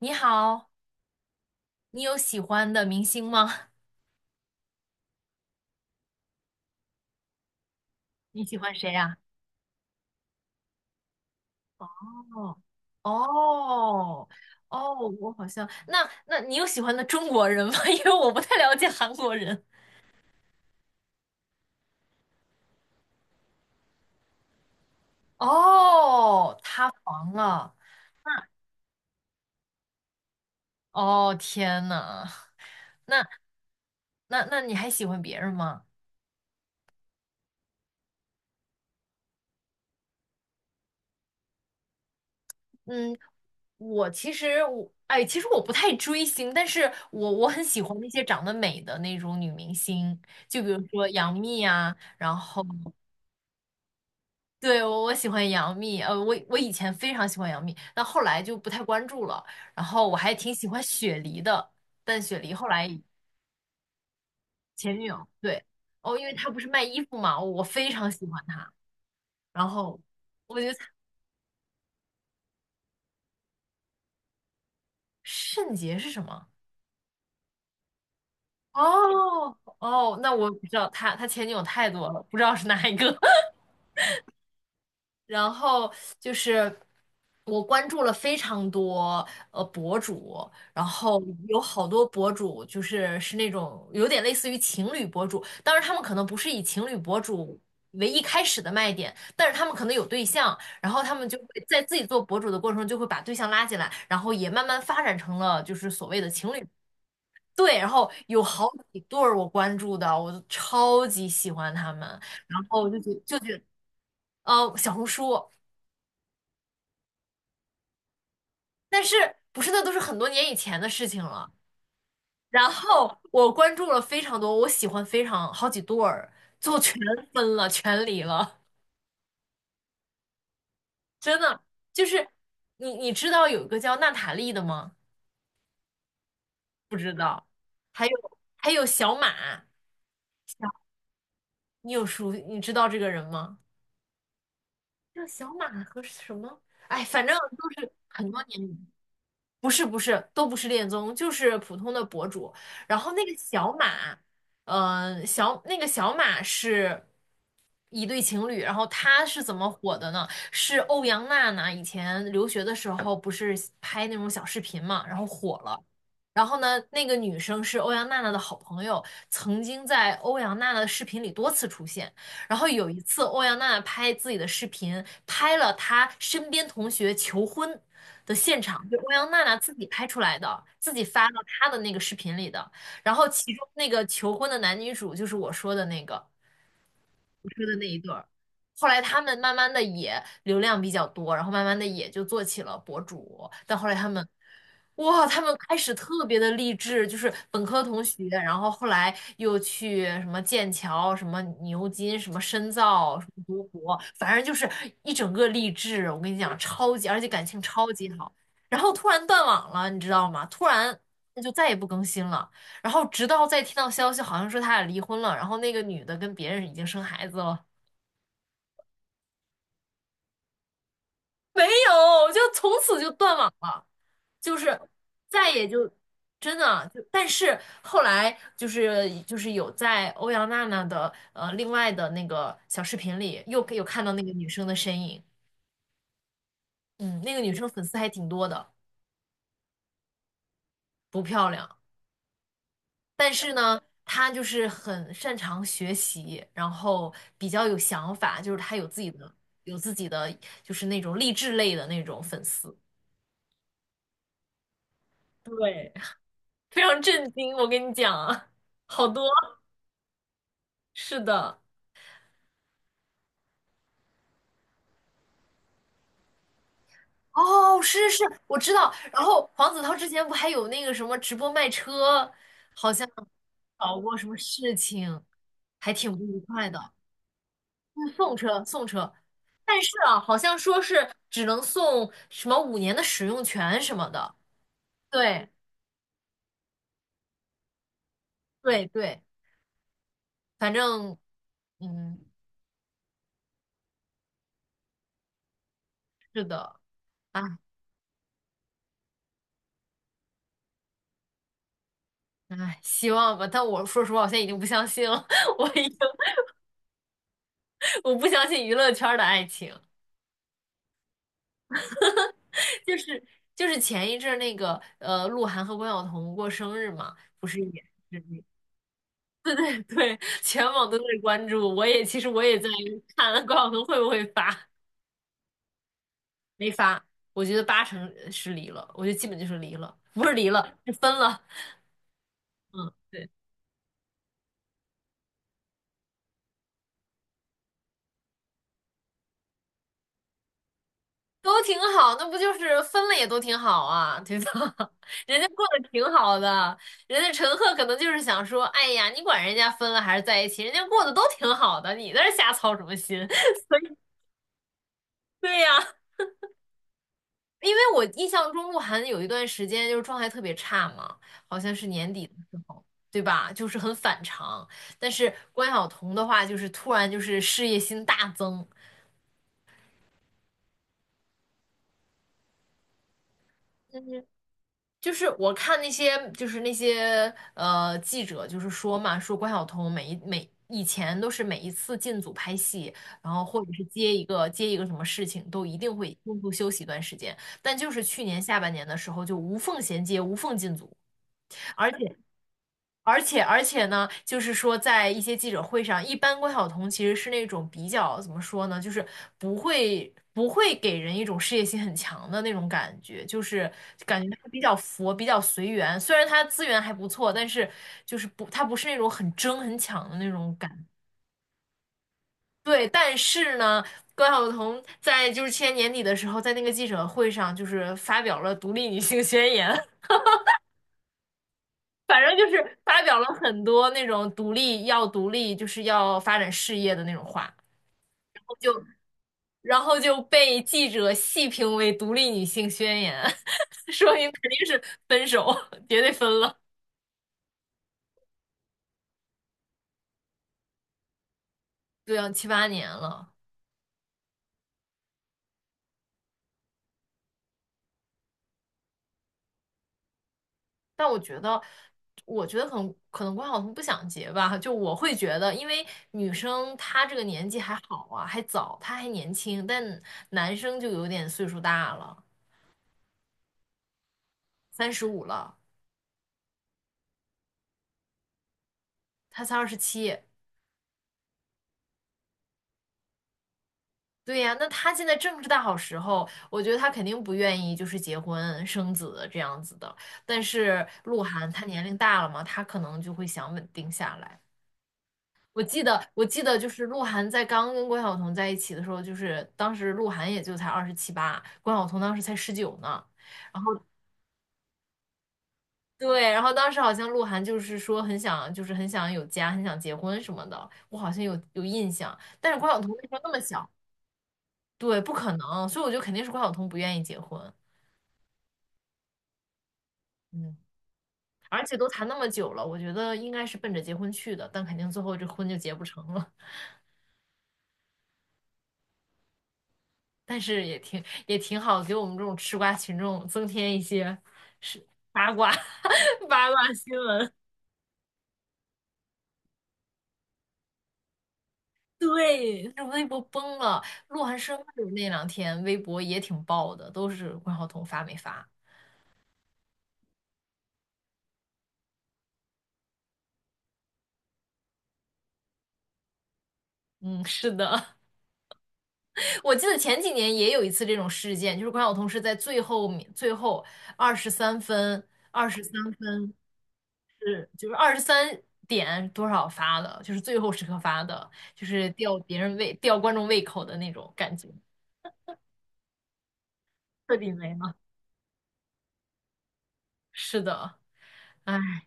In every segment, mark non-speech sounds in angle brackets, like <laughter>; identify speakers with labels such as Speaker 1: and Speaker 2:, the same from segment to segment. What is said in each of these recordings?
Speaker 1: 你好，你有喜欢的明星吗？<laughs> 你喜欢谁呀？哦哦哦，我好像那那你有喜欢的中国人吗？<laughs> 因为我不太了解韩国人。哦，塌房了。哦，天呐，<laughs> 那那你还喜欢别人吗？嗯，我其实我哎，其实我不太追星，但是我很喜欢那些长得美的那种女明星，就比如说杨幂啊，然后对，我喜欢杨幂，我以前非常喜欢杨幂，但后来就不太关注了。然后我还挺喜欢雪梨的，但雪梨后来前女友，对，哦，因为她不是卖衣服嘛，我非常喜欢她。然后我觉得她圣洁是什么？哦哦，那我不知道，她前女友太多了，不知道是哪一个。<laughs> 然后就是我关注了非常多博主，然后有好多博主就是那种有点类似于情侣博主，当然他们可能不是以情侣博主为一开始的卖点，但是他们可能有对象，然后他们就会在自己做博主的过程中就会把对象拉进来，然后也慢慢发展成了就是所谓的情侣。对，然后有好几对儿我关注的，我就超级喜欢他们，然后就觉就觉呃小红书。但是不是那都是很多年以前的事情了。然后我关注了非常多，我喜欢非常好几对儿，最后全分了，全离了，真的就是你知道有一个叫娜塔莉的吗？不知道，还有还有小马，你有熟你知道这个人吗？叫小马和什么？哎，反正都是很多年。不是不是，都不是恋综，就是普通的博主。然后那个小马，那个小马是一对情侣，然后他是怎么火的呢？是欧阳娜娜以前留学的时候不是拍那种小视频嘛，然后火了。然后呢，那个女生是欧阳娜娜的好朋友，曾经在欧阳娜娜的视频里多次出现。然后有一次，欧阳娜娜拍自己的视频，拍了她身边同学求婚的现场，就欧阳娜娜自己拍出来的，自己发到她的那个视频里的。然后其中那个求婚的男女主就是我说的那个，车的那一对儿。后来他们慢慢的也流量比较多，然后慢慢的也就做起了博主。但后来他们，哇，他们开始特别的励志，就是本科同学，然后后来又去什么剑桥、什么牛津、什么深造、什么读博，反正就是一整个励志。我跟你讲，超级，而且感情超级好。然后突然断网了，你知道吗？突然就再也不更新了。然后直到再听到消息，好像说他俩离婚了，然后那个女的跟别人已经生孩子了，没有，就从此就断网了，就是再也就真的啊就，但是后来就是有在欧阳娜娜的另外的那个小视频里又有看到那个女生的身影，嗯，那个女生粉丝还挺多的，不漂亮。但是呢，他就是很擅长学习，然后比较有想法，就是他有自己的就是那种励志类的那种粉丝，对，非常震惊，我跟你讲啊，好多。是的，哦，是是，是，我知道。然后黄子韬之前不还有那个什么直播卖车，好像搞过什么事情，还挺不愉快的，就送车送车。但是啊，好像说是只能送什么5年的使用权什么的。对对对，反正嗯，是的，哎哎，希望吧。但我说实话，我现在已经不相信了，<laughs> 我已经我不相信娱乐圈的爱情。就是就是前一阵儿那个鹿晗和关晓彤过生日嘛，不是也是 <laughs> 对，全网都在关注。我也其实我也在看关晓彤会不会发，没发。我觉得八成是离了，我觉得基本就是离了，不是离了，是分了。嗯，对。都挺好，那不就是分了也都挺好啊，对吧？<laughs> 人家过得挺好的，人家陈赫可能就是想说，哎呀，你管人家分了还是在一起，人家过得都挺好的，你在这瞎操什么心？<laughs> 对呀，因为我印象中鹿晗有一段时间就是状态特别差嘛，好像是年底的时候，对吧？就是很反常。但是关晓彤的话，就是突然就是事业心大增。嗯就是我看那些，就是那些记者，就是说嘛，说关晓彤每一每以前都是每一次进组拍戏，然后或者是接一个接一个什么事情，都一定会中途休息一段时间。但就是去年下半年的时候，就无缝衔接、无缝进组，而且呢，就是说，在一些记者会上，一般关晓彤其实是那种比较怎么说呢，就是不会给人一种事业心很强的那种感觉，就是感觉她比较佛，比较随缘。虽然她资源还不错，但是就是不，她不是那种很争很抢的那种感觉对，但是呢，关晓彤在就是去年年底的时候，在那个记者会上就是发表了独立女性宣言，反正就是发表了很多那种独立要独立，就是要发展事业的那种话，就然后就被记者细评为独立女性宣言，<laughs> 说明肯定是分手，绝对分了。对啊，七八年了，但我觉得可能关晓彤不想结吧，就我会觉得，因为女生她这个年纪还好啊，还早，她还年轻，但男生就有点岁数大了，35了，他才二十七。对呀，那他现在正是大好时候，我觉得他肯定不愿意就是结婚生子这样子的。但是鹿晗他年龄大了嘛，他可能就会想稳定下来。我记得就是鹿晗在刚跟关晓彤在一起的时候，就是当时鹿晗也就才二十七八，关晓彤当时才19呢。然后对，然后当时好像鹿晗就是说很想，就是很想有家，很想结婚什么的，我好像有印象。但是关晓彤那时候那么小，对，不可能，所以我觉得肯定是关晓彤不愿意结婚。嗯，而且都谈那么久了，我觉得应该是奔着结婚去的，但肯定最后这婚就结不成了。<laughs> 但是也挺好，给我们这种吃瓜群众增添一些八卦 <laughs> 八卦新闻。对，这微博崩了，鹿晗生日那2天微博也挺爆的，都是关晓彤发没发。嗯，<laughs> 是的，<laughs> 我记得前几年也有一次这种事件，就是关晓彤是在最后二十三分二十三分就是23点多少发的，就是最后时刻发的，就是吊别人胃、吊观众胃口的那种感觉，彻底没了。是的，哎，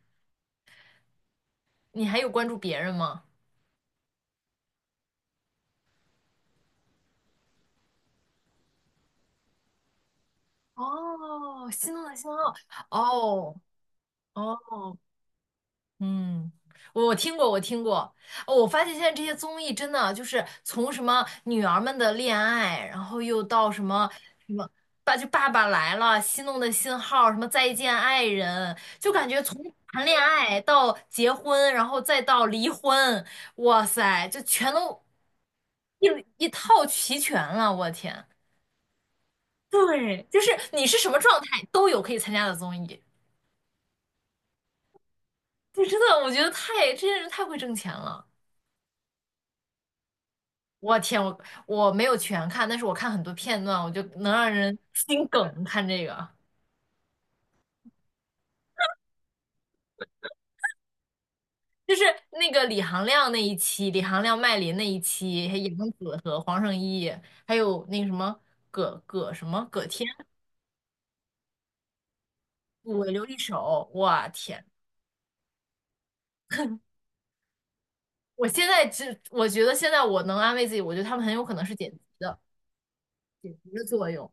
Speaker 1: 你还有关注别人吗？哦，心动的信号，哦哦，嗯，我听过，我听过。哦，我发现现在这些综艺真的就是从什么女儿们的恋爱，然后又到什么什么爸爸来了，心动的信号，什么再见爱人，就感觉从谈恋爱到结婚，然后再到离婚，哇塞，就全都一一套齐全了。我天，对，就是你是什么状态都有可以参加的综艺，就真的我觉得这些人太会挣钱了。我天，我没有全看，但是我看很多片段，我就能让人心梗。看这个，就是那个李行亮那一期，李行亮、麦琳那一期，还有杨紫和黄圣依，还有那个什么葛天，我留一手。我天，我觉得现在我能安慰自己，我觉得他们很有可能是剪辑的，剪辑的作用。